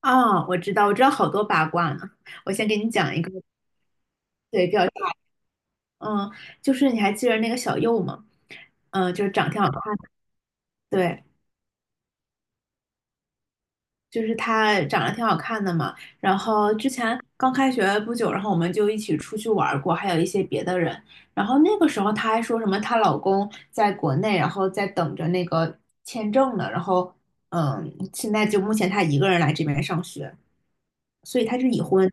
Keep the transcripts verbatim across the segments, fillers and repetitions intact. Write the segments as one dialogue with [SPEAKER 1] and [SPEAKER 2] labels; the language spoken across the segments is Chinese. [SPEAKER 1] 啊，我知道，我知道好多八卦呢。我先给你讲一个，对，比较，嗯，就是你还记得那个小右吗？嗯，就是长得挺好看的，对，就是她长得挺好看的嘛。然后之前刚开学不久，然后我们就一起出去玩儿过，还有一些别的人。然后那个时候她还说什么她老公在国内，然后在等着那个签证呢。然后，嗯，现在就目前她一个人来这边上学，所以她是已婚。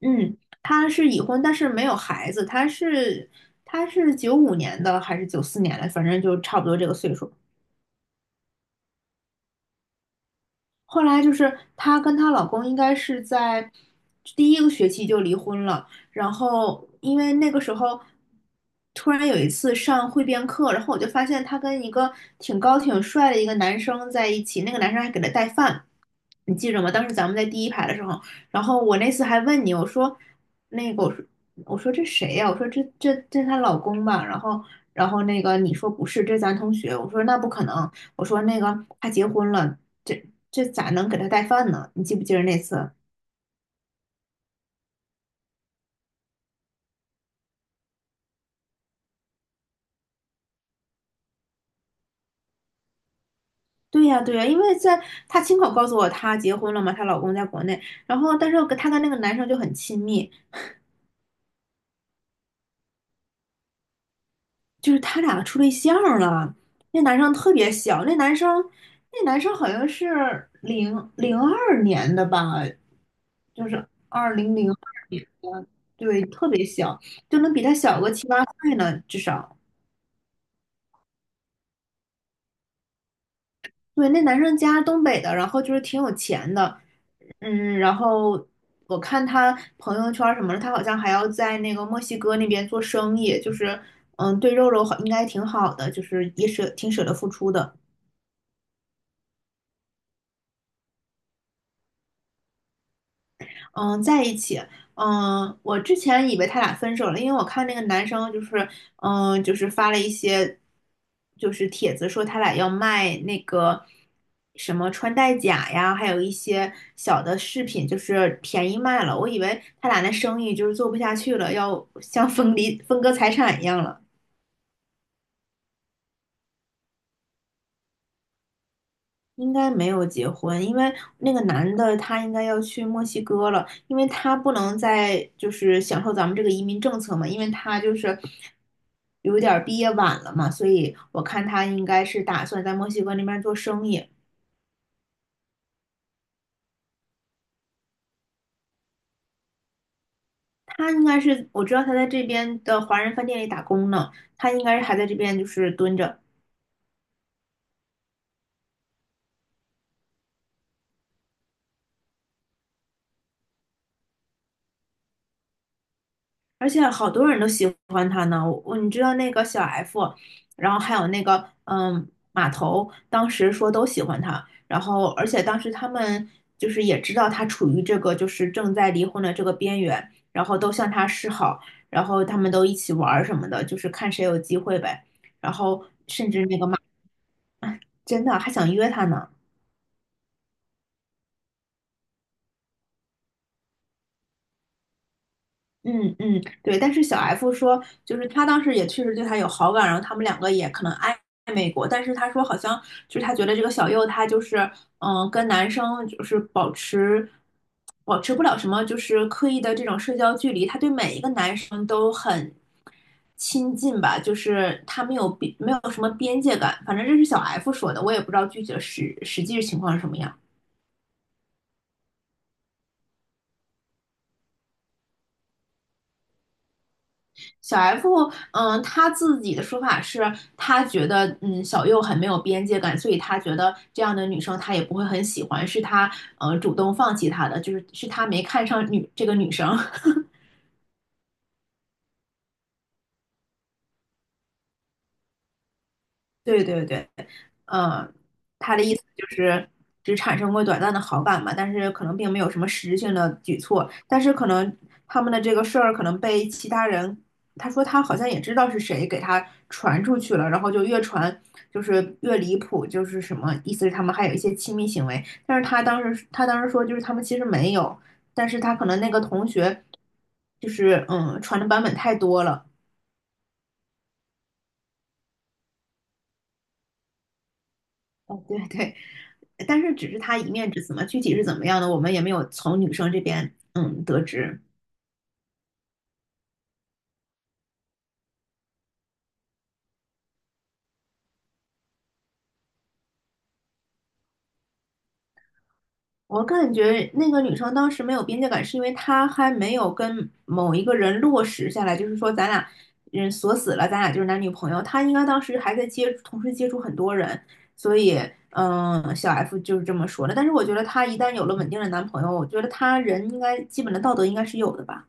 [SPEAKER 1] 嗯，他是已婚，但是没有孩子。他是他是九五年的还是九四年的？反正就差不多这个岁数。后来就是她跟她老公应该是在第一个学期就离婚了，然后因为那个时候突然有一次上汇编课，然后我就发现她跟一个挺高挺帅的一个男生在一起，那个男生还给她带饭，你记着吗？当时咱们在第一排的时候，然后我那次还问你，我说那个我说我说这谁呀、我说这这这她老公吧，然后。然后那个你说不是，这是咱同学。我说那不可能，我说那个他结婚了，这这咋能给他带饭呢？你记不记得那次？对呀，对呀，因为在她亲口告诉我她结婚了嘛，她老公在国内，然后但是我跟她跟那个男生就很亲密，就是他俩处对象了。那男生特别小，那男生那男生好像是零零二年的吧，就是二零零二年的，对，特别小，就能比他小个七八岁呢，至少。对，那男生家是东北的，然后就是挺有钱的，嗯，然后我看他朋友圈什么的，他好像还要在那个墨西哥那边做生意，就是嗯，对肉肉好应该挺好的，就是也舍挺舍得付出的。嗯，在一起。嗯，我之前以为他俩分手了，因为我看那个男生就是，嗯，就是发了一些，就是帖子说他俩要卖那个什么穿戴甲呀，还有一些小的饰品，就是便宜卖了。我以为他俩那生意就是做不下去了，要像 分离分割财产一样了。应该没有结婚，因为那个男的他应该要去墨西哥了，因为他不能再就是享受咱们这个移民政策嘛，因为他就是有点儿毕业晚了嘛，所以我看他应该是打算在墨西哥那边做生意。他应该是，我知道他在这边的华人饭店里打工呢，他应该是还在这边就是蹲着。而且好多人都喜欢他呢。我我你知道那个小 F，然后还有那个嗯马头，当时说都喜欢他，然后而且当时他们就是也知道他处于这个就是正在离婚的这个边缘，然后都向他示好，然后他们都一起玩儿什么的，就是看谁有机会呗。然后甚至那个马真的还想约他呢。嗯嗯，对，但是小 F 说，就是他当时也确实对他有好感，然后他们两个也可能暧暧昧过，但是他说好像就是他觉得这个小右他就是嗯、呃跟男生就是保持保持不了什么就是刻意的这种社交距离，他对每一个男生都很亲近吧，就是他没有边没有什么边界感，反正这是小 F 说的，我也不知道具体的实实际情况是什么样。小 F，嗯，他自己的说法是，他觉得，嗯，小右很没有边界感，所以他觉得这样的女生他也不会很喜欢，是他，呃，主动放弃她的，就是是他没看上女这个女生。对对对，嗯，他的意思就是只产生过短暂的好感嘛，但是可能并没有什么实质性的举措，但是可能他们的这个事儿可能被其他人，他说他好像也知道是谁给他传出去了，然后就越传就是越离谱，就是什么意思是他们还有一些亲密行为，但是他当时他当时说就是他们其实没有，但是他可能那个同学就是嗯传的版本太多了。哦，对对，但是只是他一面之词嘛，具体是怎么样的，我们也没有从女生这边嗯得知。我感觉那个女生当时没有边界感，是因为她还没有跟某一个人落实下来，就是说咱俩嗯锁死了，咱俩就是男女朋友。她应该当时还在接同时接触很多人，所以嗯小 F 就是这么说的。但是我觉得她一旦有了稳定的男朋友，我觉得她人应该基本的道德应该是有的吧。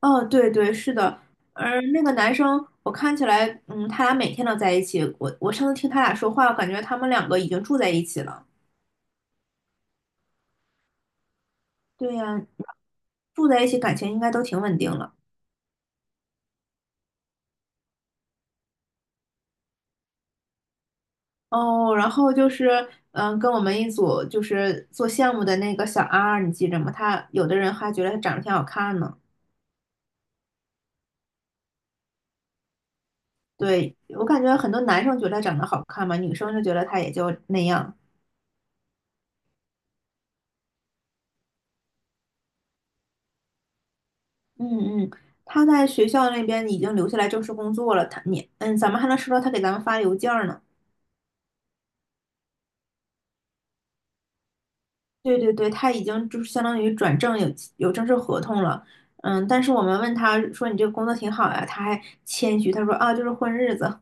[SPEAKER 1] 哦，对对，是的，而那个男生，我看起来，嗯，他俩每天都在一起。我我上次听他俩说话，我感觉他们两个已经住在一起了。对呀，住在一起，感情应该都挺稳定了。哦，然后就是，嗯，跟我们一组就是做项目的那个小 R，你记着吗？他有的人还觉得他长得挺好看呢。对，我感觉很多男生觉得他长得好看嘛，女生就觉得他也就那样。嗯嗯，他在学校那边已经留下来正式工作了，他你嗯，咱们还能收到他给咱们发邮件儿呢。对对对，他已经就是相当于转正有有正式合同了，嗯，但是我们问他说你这个工作挺好呀，他还谦虚，他说啊就是混日子，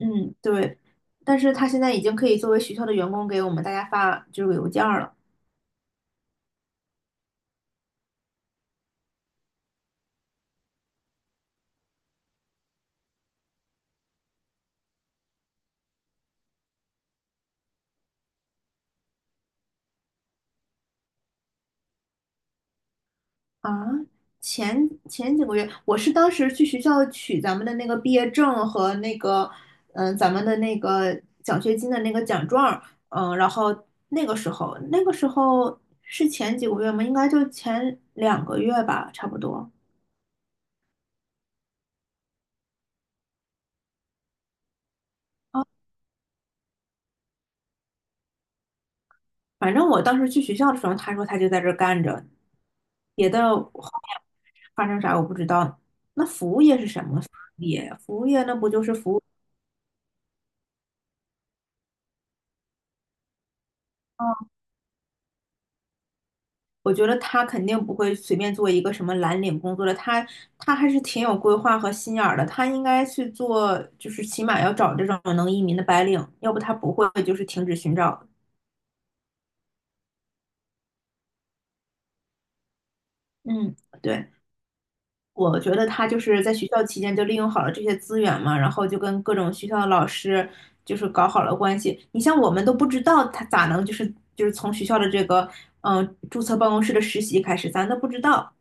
[SPEAKER 1] 嗯对，但是他现在已经可以作为学校的员工给我们大家发就是邮件儿了。啊，前前几个月，我是当时去学校取咱们的那个毕业证和那个，嗯、咱们的那个奖学金的那个奖状嗯、然后那个时候，那个时候是前几个月吗？应该就前两个月吧，差不多。反正我当时去学校的时候，他说他就在这儿干着，别的后面发生啥我不知道。那服务业是什么服务业？服务业那不就是服务？我觉得他肯定不会随便做一个什么蓝领工作的，他他还是挺有规划和心眼儿的，他应该去做，就是起码要找这种能移民的白领，要不他不会就是停止寻找。嗯，对，我觉得他就是在学校期间就利用好了这些资源嘛，然后就跟各种学校的老师就是搞好了关系。你像我们都不知道他咋能就是就是从学校的这个嗯、呃注册办公室的实习开始，咱都不知道。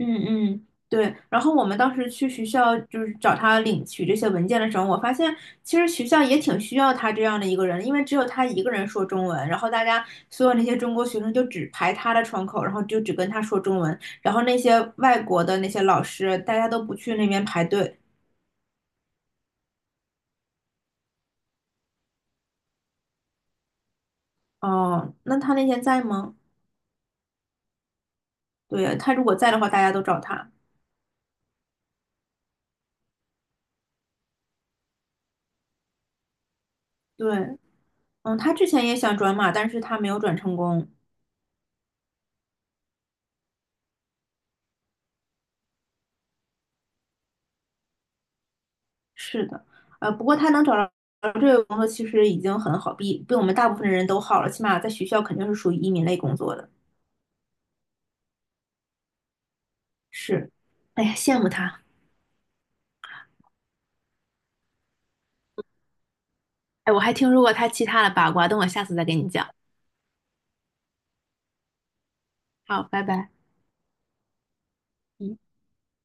[SPEAKER 1] 嗯嗯，对。然后我们当时去学校就是找他领取这些文件的时候，我发现其实学校也挺需要他这样的一个人，因为只有他一个人说中文，然后大家所有那些中国学生就只排他的窗口，然后就只跟他说中文，然后那些外国的那些老师，大家都不去那边排队。哦，那他那天在吗？对，他如果在的话，大家都找他。对，嗯，他之前也想转码，但是他没有转成功。是的，呃，不过他能找到这个工作其实已经很好，比比我们大部分人都好了，起码在学校肯定是属于移民类工作的。是，哎呀，羡慕他。哎，我还听说过他其他的八卦，等我下次再给你讲。好，拜拜。嗯。